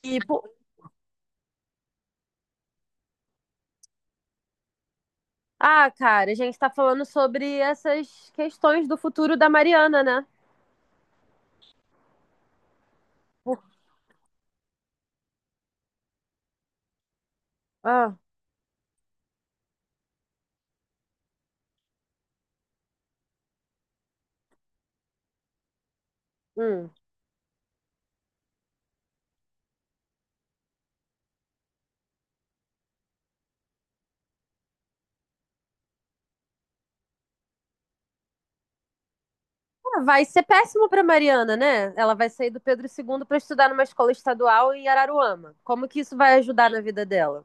Tipo, ah, cara, a gente tá falando sobre essas questões do futuro da Mariana, né? Por- Ah, hum. Ah, vai ser péssimo pra Mariana, né? Ela vai sair do Pedro II pra estudar numa escola estadual em Araruama. Como que isso vai ajudar na vida dela?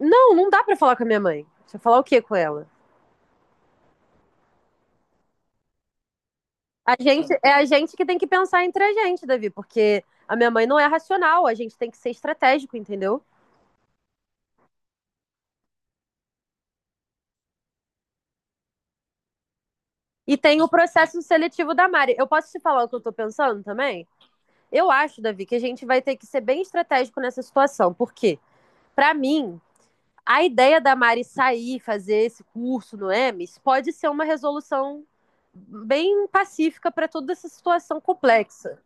Não, não dá pra falar com a minha mãe. Deixa eu falar o quê com ela? A gente, é a gente que tem que pensar entre a gente, Davi, porque a minha mãe não é racional, a gente tem que ser estratégico, entendeu? E tem o processo seletivo da Mari. Eu posso te falar o que eu tô pensando também? Eu acho, Davi, que a gente vai ter que ser bem estratégico nessa situação, porque, para mim, a ideia da Mari sair, fazer esse curso no EMES, pode ser uma resolução bem pacífica para toda essa situação complexa.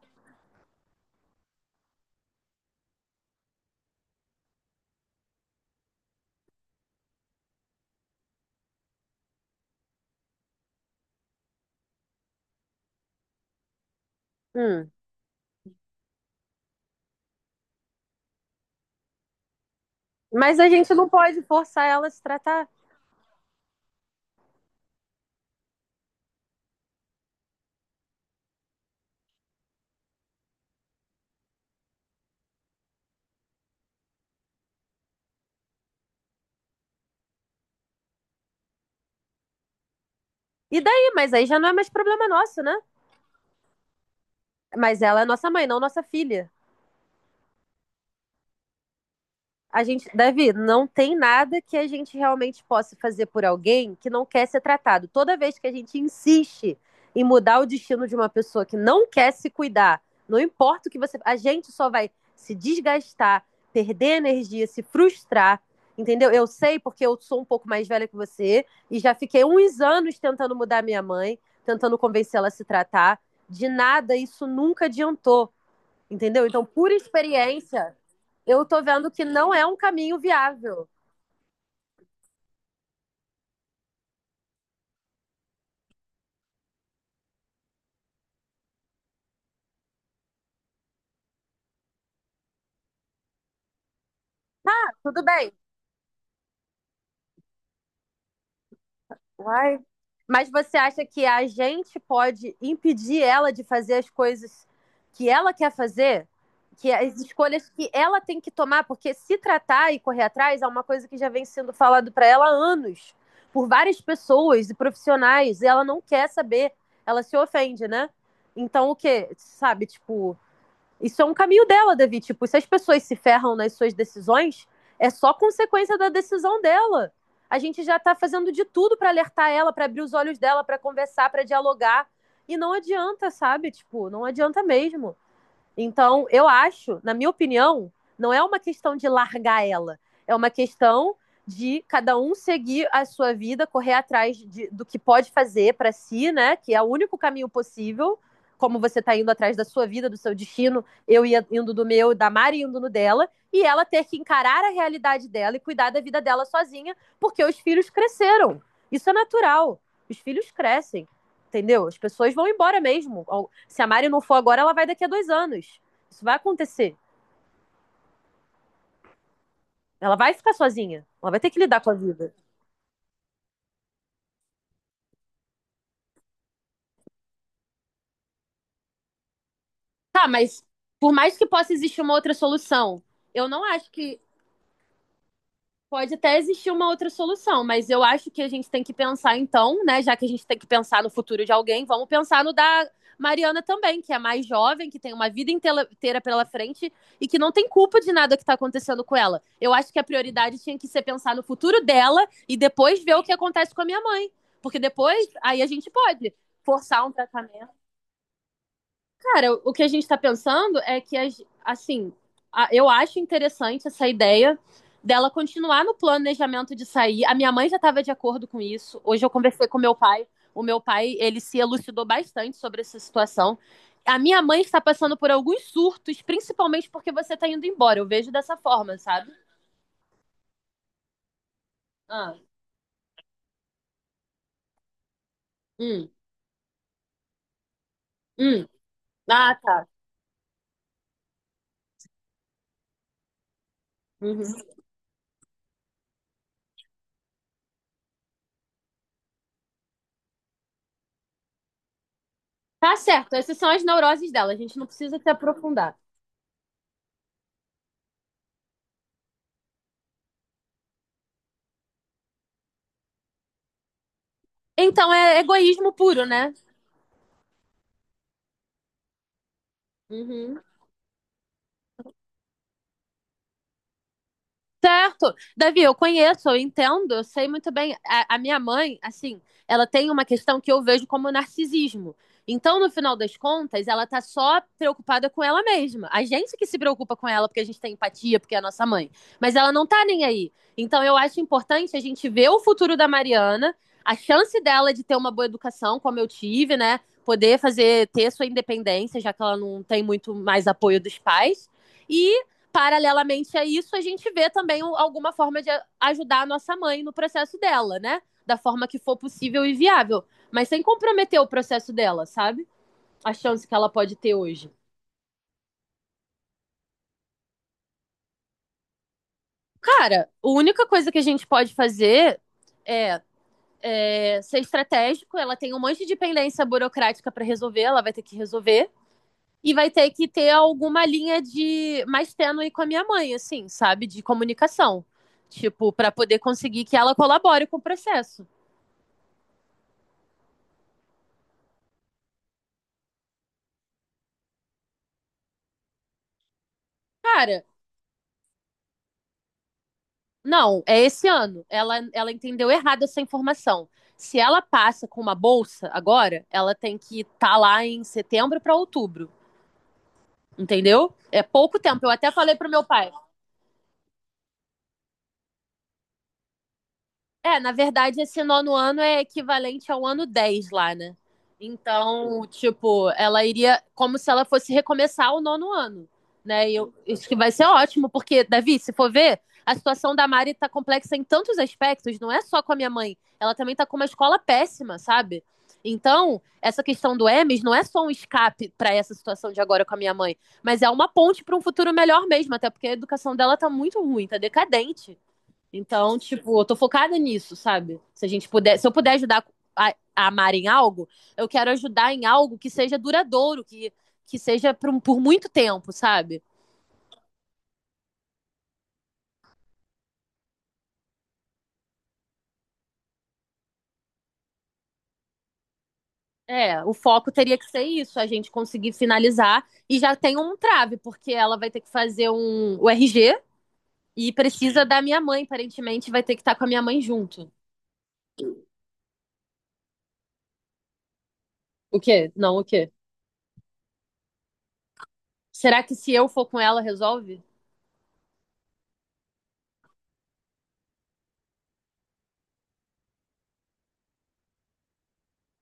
Hum. Mas a gente não pode forçar ela a se tratar. E daí? Mas aí já não é mais problema nosso, né? Mas ela é nossa mãe, não nossa filha. A gente, Davi, não tem nada que a gente realmente possa fazer por alguém que não quer ser tratado. Toda vez que a gente insiste em mudar o destino de uma pessoa que não quer se cuidar, não importa o que você, a gente só vai se desgastar, perder energia, se frustrar, entendeu? Eu sei porque eu sou um pouco mais velha que você e já fiquei uns anos tentando mudar minha mãe, tentando convencê-la a se tratar. De nada isso nunca adiantou. Entendeu? Então, por experiência, eu tô vendo que não é um caminho viável. Tudo bem. Uai. Mas você acha que a gente pode impedir ela de fazer as coisas que ela quer fazer? Que as escolhas que ela tem que tomar, porque se tratar e correr atrás é uma coisa que já vem sendo falado para ela há anos, por várias pessoas e profissionais, e ela não quer saber, ela se ofende, né? Então o que, sabe, tipo, isso é um caminho dela, Davi. Tipo, se as pessoas se ferram nas suas decisões, é só consequência da decisão dela. A gente já está fazendo de tudo para alertar ela, para abrir os olhos dela, para conversar, para dialogar. E não adianta, sabe? Tipo, não adianta mesmo. Então, eu acho, na minha opinião, não é uma questão de largar ela, é uma questão de cada um seguir a sua vida, correr atrás de, do que pode fazer para si, né? Que é o único caminho possível, como você está indo atrás da sua vida, do seu destino, eu ia indo do meu, da Mari indo no dela, e ela ter que encarar a realidade dela e cuidar da vida dela sozinha, porque os filhos cresceram. Isso é natural. Os filhos crescem, entendeu? As pessoas vão embora mesmo. Se a Mari não for agora, ela vai daqui a 2 anos. Isso vai acontecer. Ela vai ficar sozinha. Ela vai ter que lidar com a vida. Tá, mas por mais que possa existir uma outra solução, eu não acho que pode até existir uma outra solução, mas eu acho que a gente tem que pensar então, né? Já que a gente tem que pensar no futuro de alguém, vamos pensar no da Mariana também, que é mais jovem, que tem uma vida inteira pela frente e que não tem culpa de nada que está acontecendo com ela. Eu acho que a prioridade tinha que ser pensar no futuro dela e depois ver o que acontece com a minha mãe. Porque depois, aí a gente pode forçar um tratamento. Cara, o que a gente está pensando é que, as, assim, eu acho interessante essa ideia dela continuar no planejamento de sair. A minha mãe já estava de acordo com isso. Hoje eu conversei com meu pai. O meu pai, ele se elucidou bastante sobre essa situação. A minha mãe está passando por alguns surtos, principalmente porque você está indo embora. Eu vejo dessa forma, sabe? Ah, hum, hum. Ah, tá. Uhum. Tá certo. Essas são as neuroses dela. A gente não precisa se aprofundar. Então é egoísmo puro, né? Uhum. Certo. Davi, eu conheço, eu entendo, eu sei muito bem. A minha mãe, assim, ela tem uma questão que eu vejo como narcisismo. Então, no final das contas, ela tá só preocupada com ela mesma. A gente que se preocupa com ela porque a gente tem empatia, porque é a nossa mãe. Mas ela não tá nem aí. Então, eu acho importante a gente ver o futuro da Mariana, a chance dela de ter uma boa educação, como eu tive, né? Poder fazer, ter sua independência, já que ela não tem muito mais apoio dos pais. E paralelamente a isso, a gente vê também um, alguma forma de ajudar a nossa mãe no processo dela, né? Da forma que for possível e viável. Mas sem comprometer o processo dela, sabe? A chance que ela pode ter hoje. Cara, a única coisa que a gente pode fazer é ser estratégico, ela tem um monte de pendência burocrática para resolver, ela vai ter que resolver. E vai ter que ter alguma linha de mais tênue com a minha mãe, assim, sabe? De comunicação. Tipo, para poder conseguir que ela colabore com o processo. Cara, não, é esse ano. Ela entendeu errado essa informação. Se ela passa com uma bolsa agora, ela tem que estar lá em setembro para outubro, entendeu? É pouco tempo. Eu até falei pro meu pai. É, na verdade, esse nono ano é equivalente ao ano 10 lá, né? Então, tipo, ela iria como se ela fosse recomeçar o nono ano, né? E eu, isso que vai ser ótimo, porque, Davi, se for ver, a situação da Mari tá complexa em tantos aspectos, não é só com a minha mãe. Ela também tá com uma escola péssima, sabe? Então, essa questão do Emes não é só um escape para essa situação de agora com a minha mãe, mas é uma ponte para um futuro melhor mesmo, até porque a educação dela tá muito ruim, tá decadente. Então, tipo, eu tô focada nisso, sabe? Se a gente puder, se eu puder ajudar a, a amar em algo, eu quero ajudar em algo que seja duradouro, que seja por, por muito tempo, sabe? É, o foco teria que ser isso, a gente conseguir finalizar e já tem um trave, porque ela vai ter que fazer o RG e precisa da minha mãe, aparentemente vai ter que estar com a minha mãe junto. O quê? Não, o quê? Será que se eu for com ela resolve?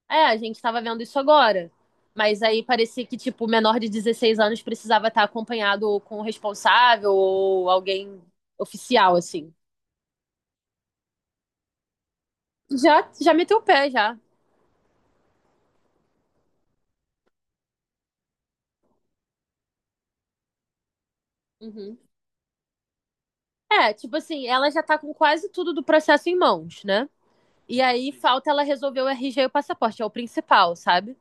É, a gente tava vendo isso agora. Mas aí parecia que, tipo, o menor de 16 anos precisava estar acompanhado com o responsável ou alguém oficial, assim. Já, já meteu o pé, já. Uhum. É, tipo assim, ela já tá com quase tudo do processo em mãos, né? E aí falta ela resolver o RG e o passaporte, é o principal, sabe?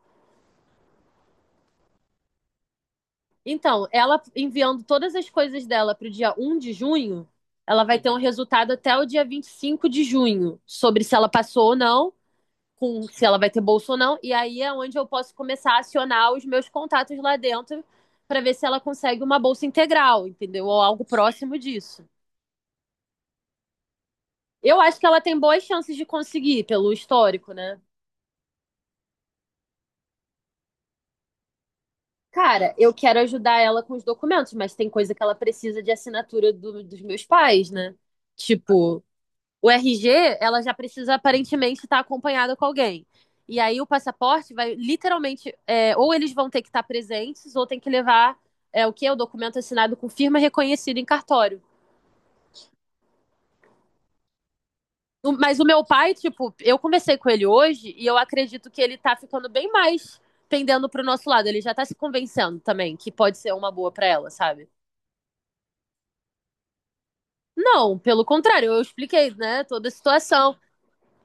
Então, ela enviando todas as coisas dela pro dia 1 de junho, ela vai ter um resultado até o dia 25 de junho sobre se ela passou ou não com se ela vai ter bolsa ou não. E aí é onde eu posso começar a acionar os meus contatos lá dentro para ver se ela consegue uma bolsa integral, entendeu? Ou algo próximo disso. Eu acho que ela tem boas chances de conseguir, pelo histórico, né? Cara, eu quero ajudar ela com os documentos, mas tem coisa que ela precisa de assinatura dos meus pais, né? Tipo, o RG, ela já precisa aparentemente estar acompanhada com alguém. E aí o passaporte vai literalmente, é, ou eles vão ter que estar presentes, ou tem que levar é, o que é o documento assinado com firma reconhecida em cartório. Mas o meu pai, tipo, eu conversei com ele hoje e eu acredito que ele tá ficando bem mais pendendo pro nosso lado. Ele já tá se convencendo também que pode ser uma boa pra ela, sabe? Não, pelo contrário, eu expliquei, né, toda a situação.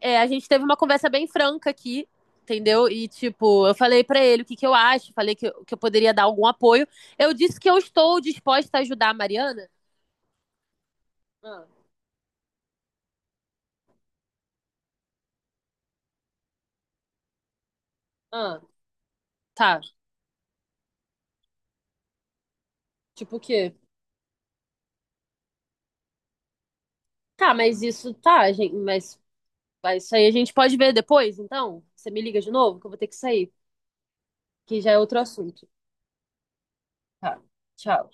É, a gente teve uma conversa bem franca aqui, entendeu? E, tipo, eu falei pra ele o que, eu acho, falei que, que eu poderia dar algum apoio. Eu disse que eu estou disposta a ajudar a Mariana. Ah, ah, tá. Tipo o quê? Tá, mas isso tá, gente, mas isso aí a gente pode ver depois, então? Você me liga de novo, que eu vou ter que sair, que já é outro assunto. Tá, tchau.